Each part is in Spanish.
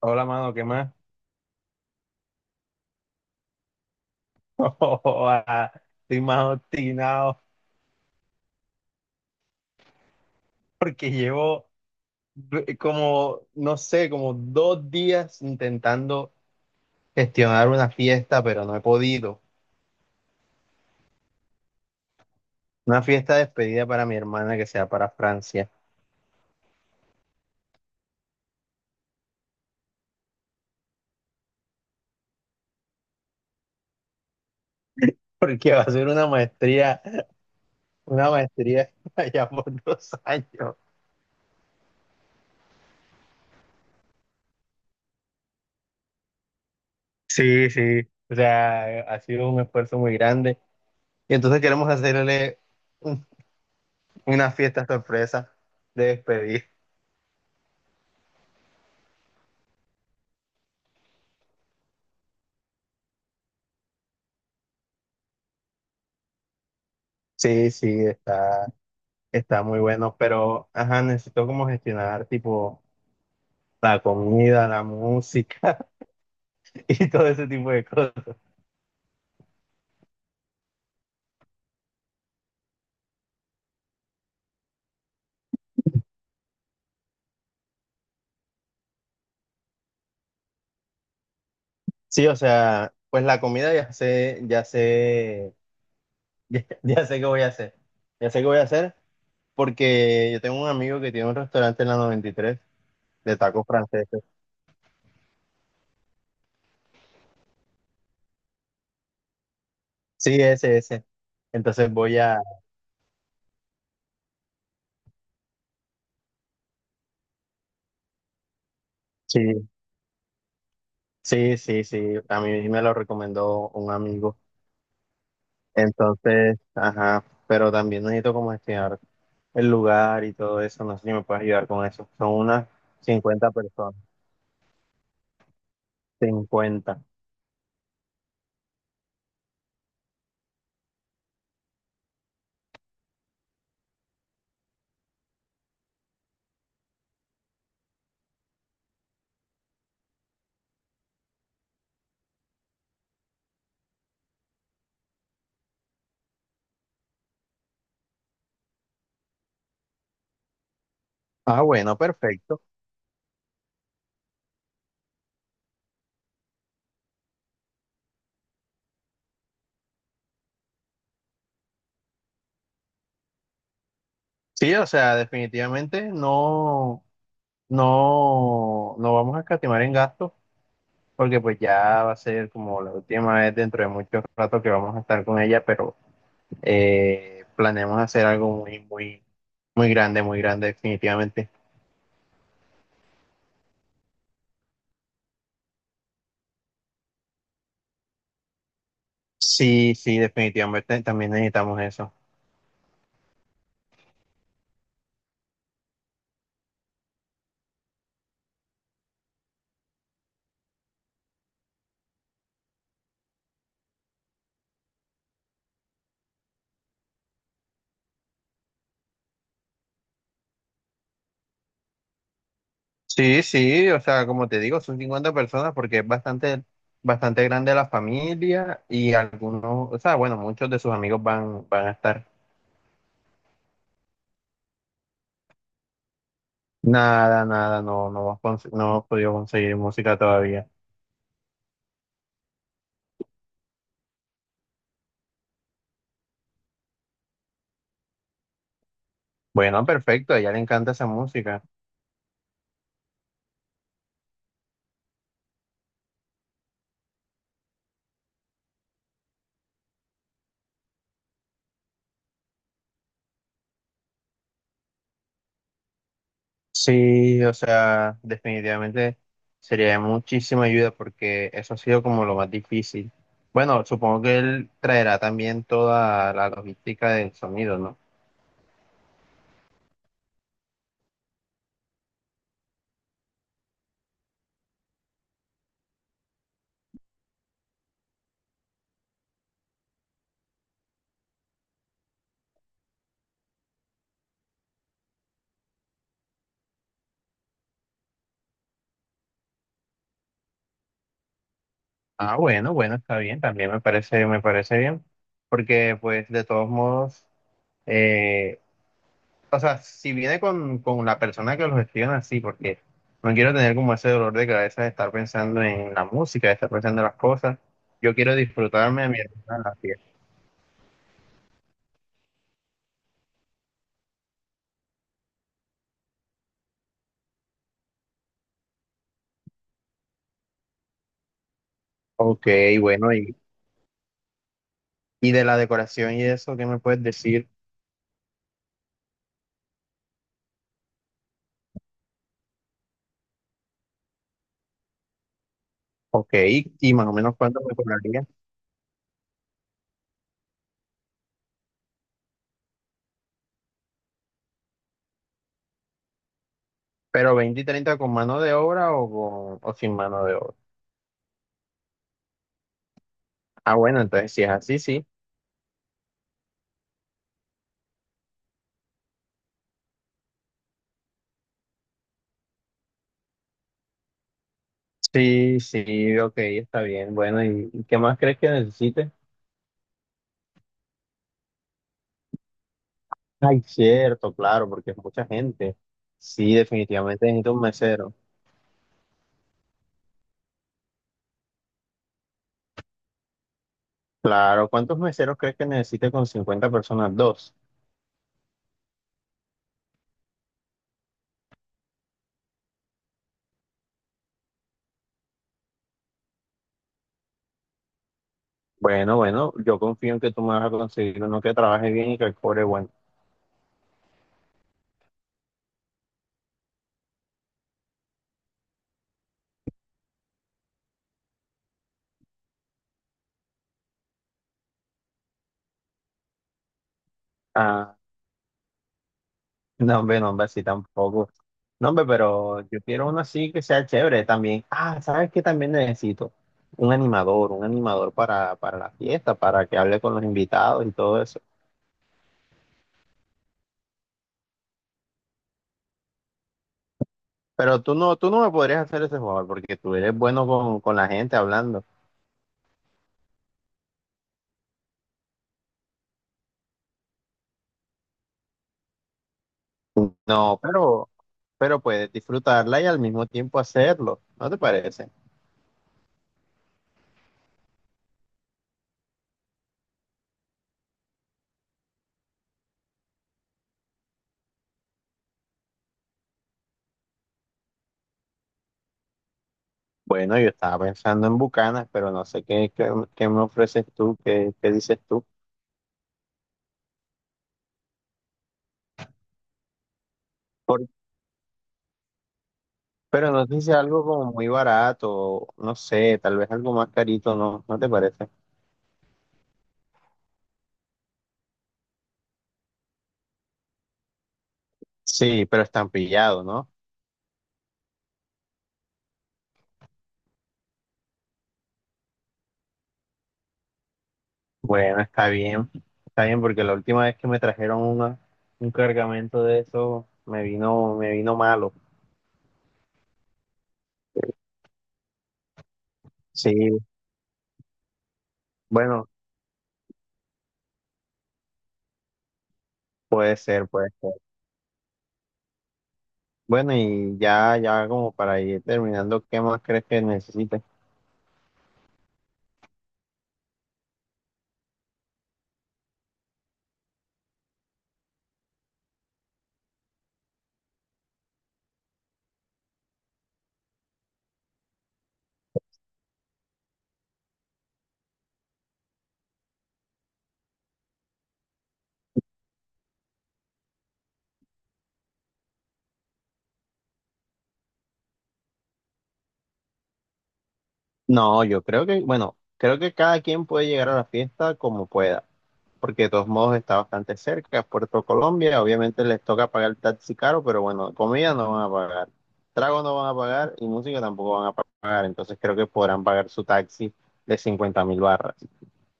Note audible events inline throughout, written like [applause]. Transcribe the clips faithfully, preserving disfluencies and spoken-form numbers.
Hola, mano, ¿qué más? [laughs] Joda, estoy más obstinado porque llevo du- como, no sé, como dos días intentando gestionar una fiesta, pero no he podido. Una fiesta de despedida para mi hermana que sea para Francia. [laughs] Porque va a ser una maestría, una maestría [laughs] allá por dos años. Sí, sí, o sea, ha sido un esfuerzo muy grande. Y entonces queremos hacerle un- una fiesta sorpresa de despedida. Sí, sí, está. Está muy bueno, pero ajá, necesito como gestionar tipo la comida, la música [laughs] y todo ese tipo de cosas. Sí, o sea, pues la comida ya sé, ya sé, [laughs] ya, ya sé qué voy a hacer. Ya sé qué voy a hacer porque yo tengo un amigo que tiene un restaurante en la noventa y tres de tacos franceses. Sí, ese, ese. Entonces voy a. Sí, sí, sí, sí. A mí me lo recomendó un amigo. Entonces, ajá, pero también necesito como gestionar el lugar y todo eso. No sé si me puedes ayudar con eso. Son unas cincuenta personas. Cincuenta. Ah, bueno, perfecto. Sí, o sea, definitivamente no, no, no vamos a escatimar en gastos, porque pues ya va a ser como la última vez dentro de mucho rato que vamos a estar con ella, pero eh, planeamos hacer algo muy, muy, muy grande, muy grande, definitivamente. Sí, sí, definitivamente también necesitamos eso. Sí, sí, o sea, como te digo, son cincuenta personas porque es bastante, bastante grande la familia y algunos, o sea, bueno, muchos de sus amigos van, van a estar. Nada, nada, no, no hemos, cons- no hemos podido conseguir música todavía. Bueno, perfecto, a ella le encanta esa música. Sí, o sea, definitivamente sería de muchísima ayuda porque eso ha sido como lo más difícil. Bueno, supongo que él traerá también toda la logística del sonido, ¿no? Ah, bueno, bueno, está bien, también me parece, me parece bien, porque pues de todos modos, eh, o sea, si viene con, con, la persona que los gestiona, sí, porque no quiero tener como ese dolor de cabeza de estar pensando en la música, de estar pensando en las cosas, yo quiero disfrutarme a mi hermana en la fiesta. Ok, bueno, y, y de la decoración y eso, ¿qué me puedes decir? Ok, y más o menos cuánto me cobraría, pero veinte y treinta con mano de obra o, con, o sin mano de obra. Ah, bueno, entonces si es así, sí. Sí, sí, ok, está bien. Bueno, ¿y y qué más crees que necesite? Ay, cierto, claro, porque es mucha gente. Sí, definitivamente necesito un mesero. Claro, ¿cuántos meseros crees que necesite con cincuenta personas? Dos. Bueno, bueno, yo confío en que tú me vas a conseguir uno que trabaje bien y que cobre bueno. Ah, no, hombre, no, hombre, así tampoco. No, hombre, pero yo quiero uno así que sea chévere también. Ah, ¿sabes qué también necesito? Un animador, un animador para, para la fiesta, para que hable con los invitados y todo eso. Pero tú no, tú no me podrías hacer ese jugador porque tú eres bueno con, con la gente hablando. No, pero, pero puedes disfrutarla y al mismo tiempo hacerlo, ¿no te parece? Bueno, yo estaba pensando en Bucanas, pero no sé qué, qué, qué me ofreces tú, qué, qué dices tú. Por- pero no sé si algo como muy barato, no sé, tal vez algo más carito, ¿no? ¿No te parece? Sí, pero estampillado, ¿no? Bueno, está bien, está bien porque la última vez que me trajeron una, un cargamento de eso me vino, me vino malo. Sí, bueno, puede ser, puede ser. Bueno, y ya, ya como para ir terminando, ¿qué más crees que necesites? No, yo creo que, bueno, creo que cada quien puede llegar a la fiesta como pueda, porque de todos modos está bastante cerca, Puerto Colombia, obviamente les toca pagar el taxi caro, pero bueno, comida no van a pagar, trago no van a pagar y música tampoco van a pagar, entonces creo que podrán pagar su taxi de cincuenta mil barras.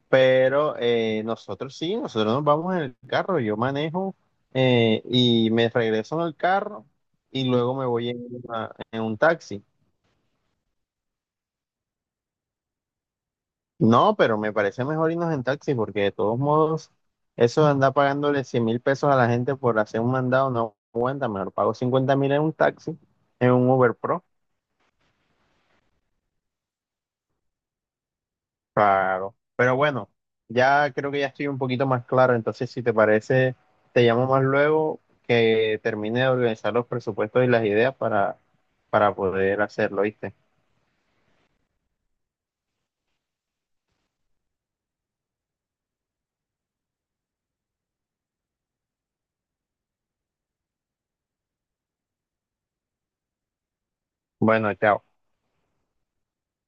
Pero eh, nosotros sí, nosotros nos vamos en el carro, yo manejo eh, y me regreso en el carro y luego me voy en, una- en un taxi. No, pero me parece mejor irnos en taxi porque de todos modos eso de andar pagándole cien mil pesos a la gente por hacer un mandado no aguanta, mejor pago cincuenta mil en un taxi, en un Uber Pro. Claro, pero bueno, ya creo que ya estoy un poquito más claro, entonces si te parece, te llamo más luego que termine de organizar los presupuestos y las ideas para, para poder hacerlo, ¿viste? Bueno, chao.